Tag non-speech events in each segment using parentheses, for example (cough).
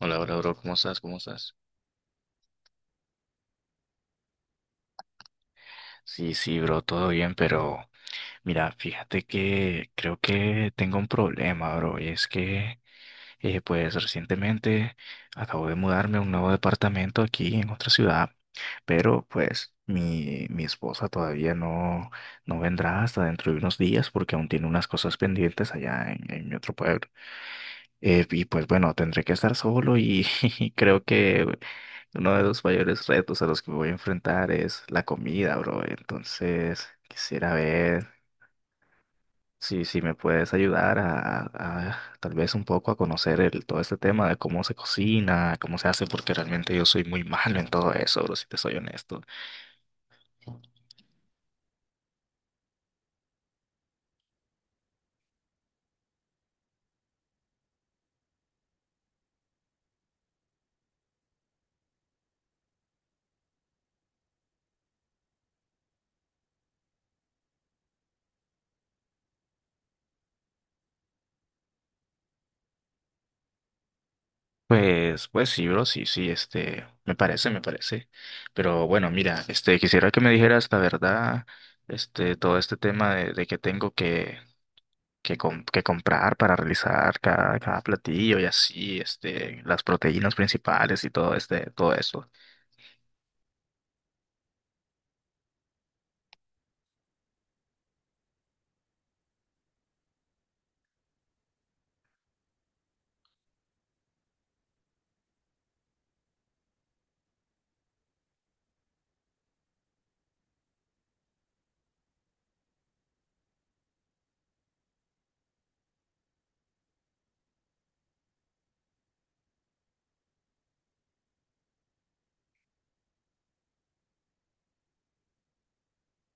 Hola, hola, bro, ¿cómo estás? ¿Cómo estás? Sí, sí, bro, todo bien, pero mira, fíjate que creo que tengo un problema, bro, y es que, pues, recientemente acabo de mudarme a un nuevo departamento aquí en otra ciudad, pero, pues, mi esposa todavía no, no vendrá hasta dentro de unos días porque aún tiene unas cosas pendientes allá en mi otro pueblo. Y pues bueno, tendré que estar solo y (laughs) creo que uno de los mayores retos a los que me voy a enfrentar es la comida, bro. Entonces, quisiera ver si, si me puedes ayudar a, a tal vez un poco a conocer el, todo este tema de cómo se cocina, cómo se hace, porque realmente yo soy muy (laughs) malo en todo eso, bro, si te soy honesto. Pues, pues sí, bro, sí, sí, este, me parece, me parece. Pero bueno, mira, este, quisiera que me dijeras la verdad, este, todo este tema de que tengo que, que comprar para realizar cada, cada platillo y así, este, las proteínas principales y todo este, todo eso.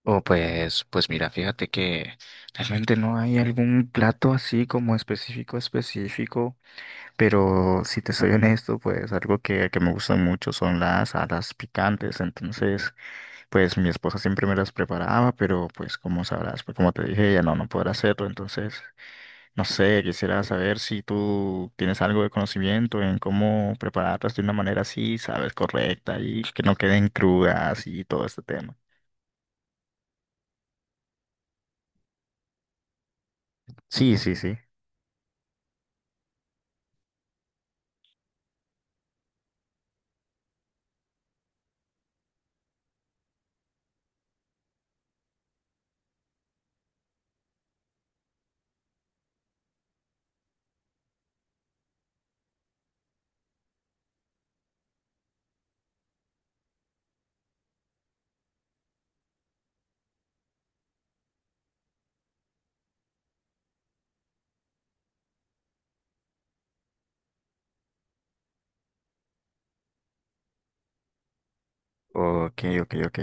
O pues, pues mira, fíjate que realmente no hay algún plato así como específico, específico. Pero si te soy honesto, pues algo que me gusta mucho son las alas picantes. Entonces, pues mi esposa siempre me las preparaba, pero pues como sabrás, pues como te dije, ella no, no podrá hacerlo. Entonces, no sé, quisiera saber si tú tienes algo de conocimiento en cómo prepararlas de una manera así, sabes, correcta y que no queden crudas y todo este tema. Sí, sí, sí. Ok, ok, ok.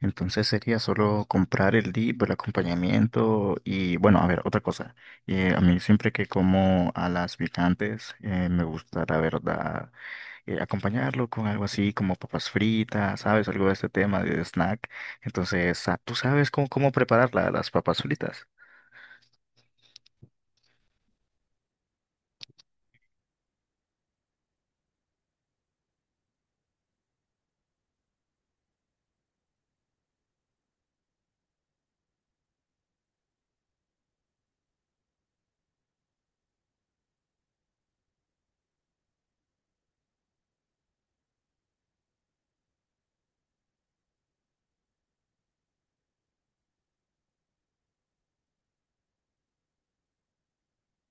Entonces sería solo comprar el dip, el acompañamiento y bueno, a ver, otra cosa. A mí siempre que como a las picantes, me gusta, la verdad, acompañarlo con algo así como papas fritas, ¿sabes? Algo de este tema de snack. Entonces, ah, ¿tú sabes cómo, cómo preparar las papas fritas?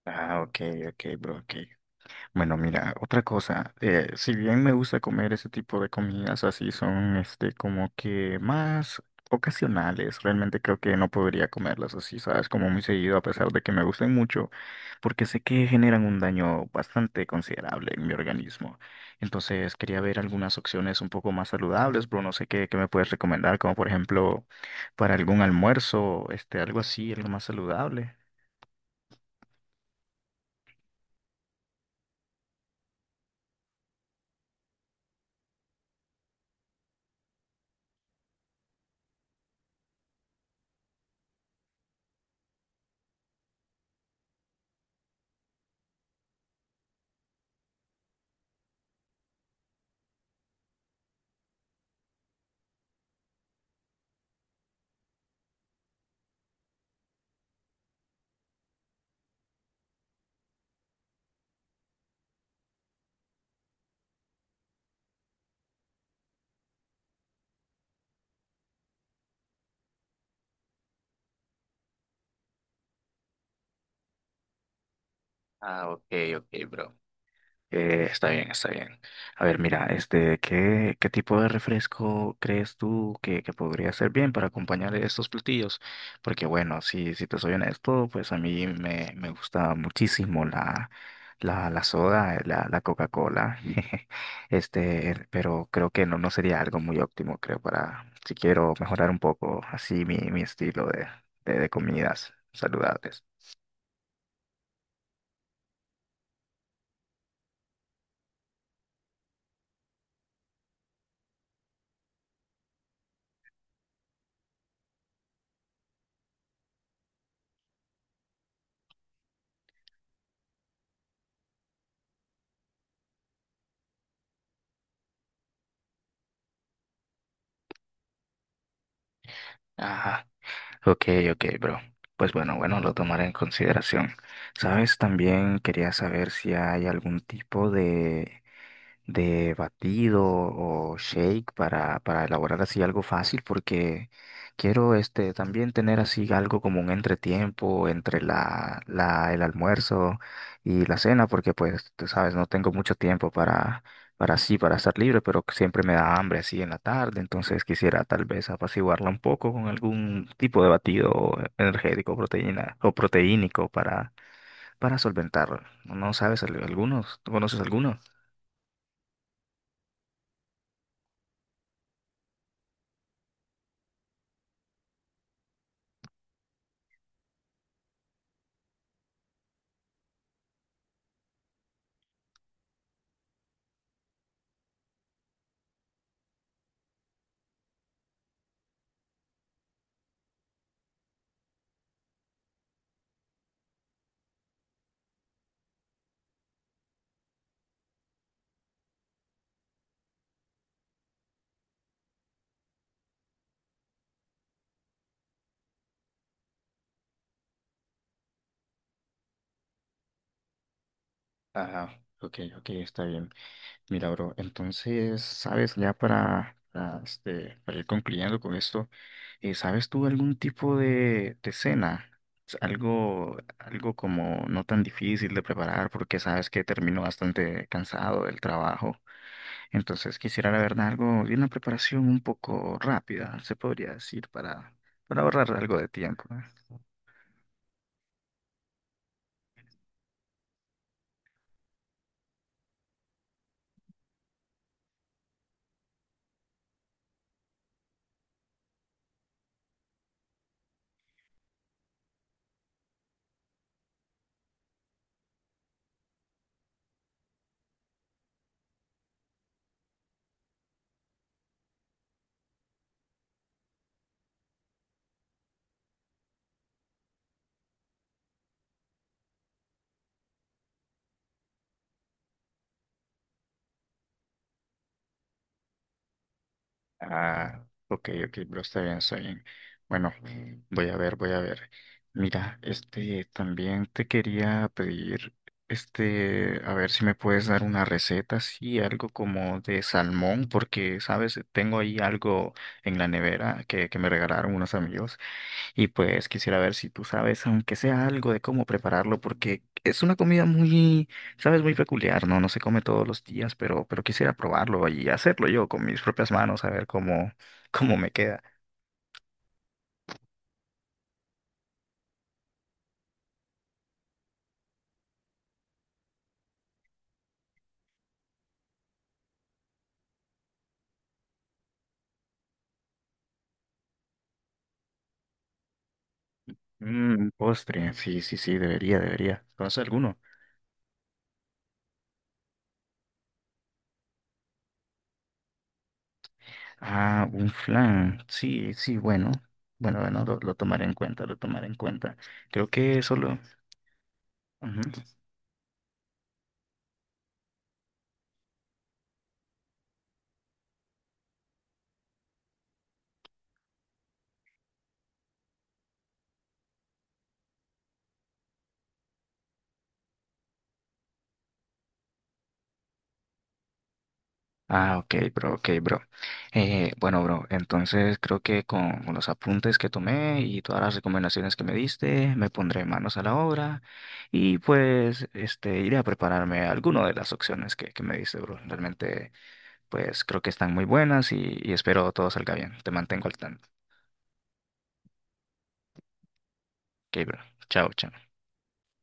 Ah, ok, ok, bro, ok. Bueno, mira, otra cosa, si bien me gusta comer ese tipo de comidas, así son, este, como que más ocasionales, realmente creo que no podría comerlas así, ¿sabes? Como muy seguido, a pesar de que me gusten mucho, porque sé que generan un daño bastante considerable en mi organismo. Entonces, quería ver algunas opciones un poco más saludables, pero no sé qué, qué me puedes recomendar, como por ejemplo, para algún almuerzo, este, algo así, algo más saludable. Ah, ok, ok, bro. Está bien, está bien. A ver, mira, este, ¿qué, qué tipo de refresco crees tú que podría ser bien para acompañar estos platillos? Porque bueno, si, si te soy honesto, pues a mí me, me gusta muchísimo la, la, la soda, la, la Coca-Cola. (laughs) Pero creo que no, no sería algo muy óptimo, creo, para si quiero mejorar un poco así mi, mi estilo de comidas saludables. Ajá. Ok, ok, bro. Pues bueno, bueno, lo tomaré en consideración. ¿Sabes? También quería saber si hay algún tipo de batido o shake para elaborar así algo fácil porque quiero este también tener así algo como un entretiempo entre la, la, el almuerzo y la cena porque pues tú sabes, no tengo mucho tiempo para así, para estar libre, pero siempre me da hambre así en la tarde, entonces quisiera tal vez apaciguarla un poco con algún tipo de batido energético, proteína o proteínico para solventarlo. ¿No sabes algunos? ¿Tú conoces algunos? Ajá, ok, ok, está bien. Mira, bro, entonces, ¿sabes? Ya para, este, para ir concluyendo con esto, ¿sabes tú algún tipo de cena? Algo, algo como no tan difícil de preparar porque sabes que termino bastante cansado del trabajo. Entonces quisiera, la verdad, algo de una preparación un poco rápida, se podría decir, para ahorrar algo de tiempo. ¿Eh? Ah, ok, ok, bro, está bien, está bien. Bueno, voy a ver, voy a ver. Mira, este, también te quería pedir, este, a ver si me puedes dar una receta, sí, algo como de salmón, porque, sabes, tengo ahí algo en la nevera que me regalaron unos amigos y pues quisiera ver si tú sabes, aunque sea algo de cómo prepararlo, porque es una comida muy, sabes, muy peculiar, ¿no? No se come todos los días, pero quisiera probarlo y hacerlo yo con mis propias manos, a ver cómo, (laughs) cómo me queda. Mm, un postre, sí, sí, sí, debería, debería. ¿Conoces alguno? Ah, un flan, sí, sí, bueno. Bueno, bueno, lo tomaré en cuenta, lo tomaré en cuenta. Creo que solo... ujú. Ah, ok, bro, ok, bro. Bueno, bro, entonces creo que con los apuntes que tomé y todas las recomendaciones que me diste, me pondré manos a la obra y pues este iré a prepararme alguna de las opciones que me diste, bro. Realmente, pues creo que están muy buenas y espero todo salga bien. Te mantengo al tanto. Ok, bro. Chao, chao.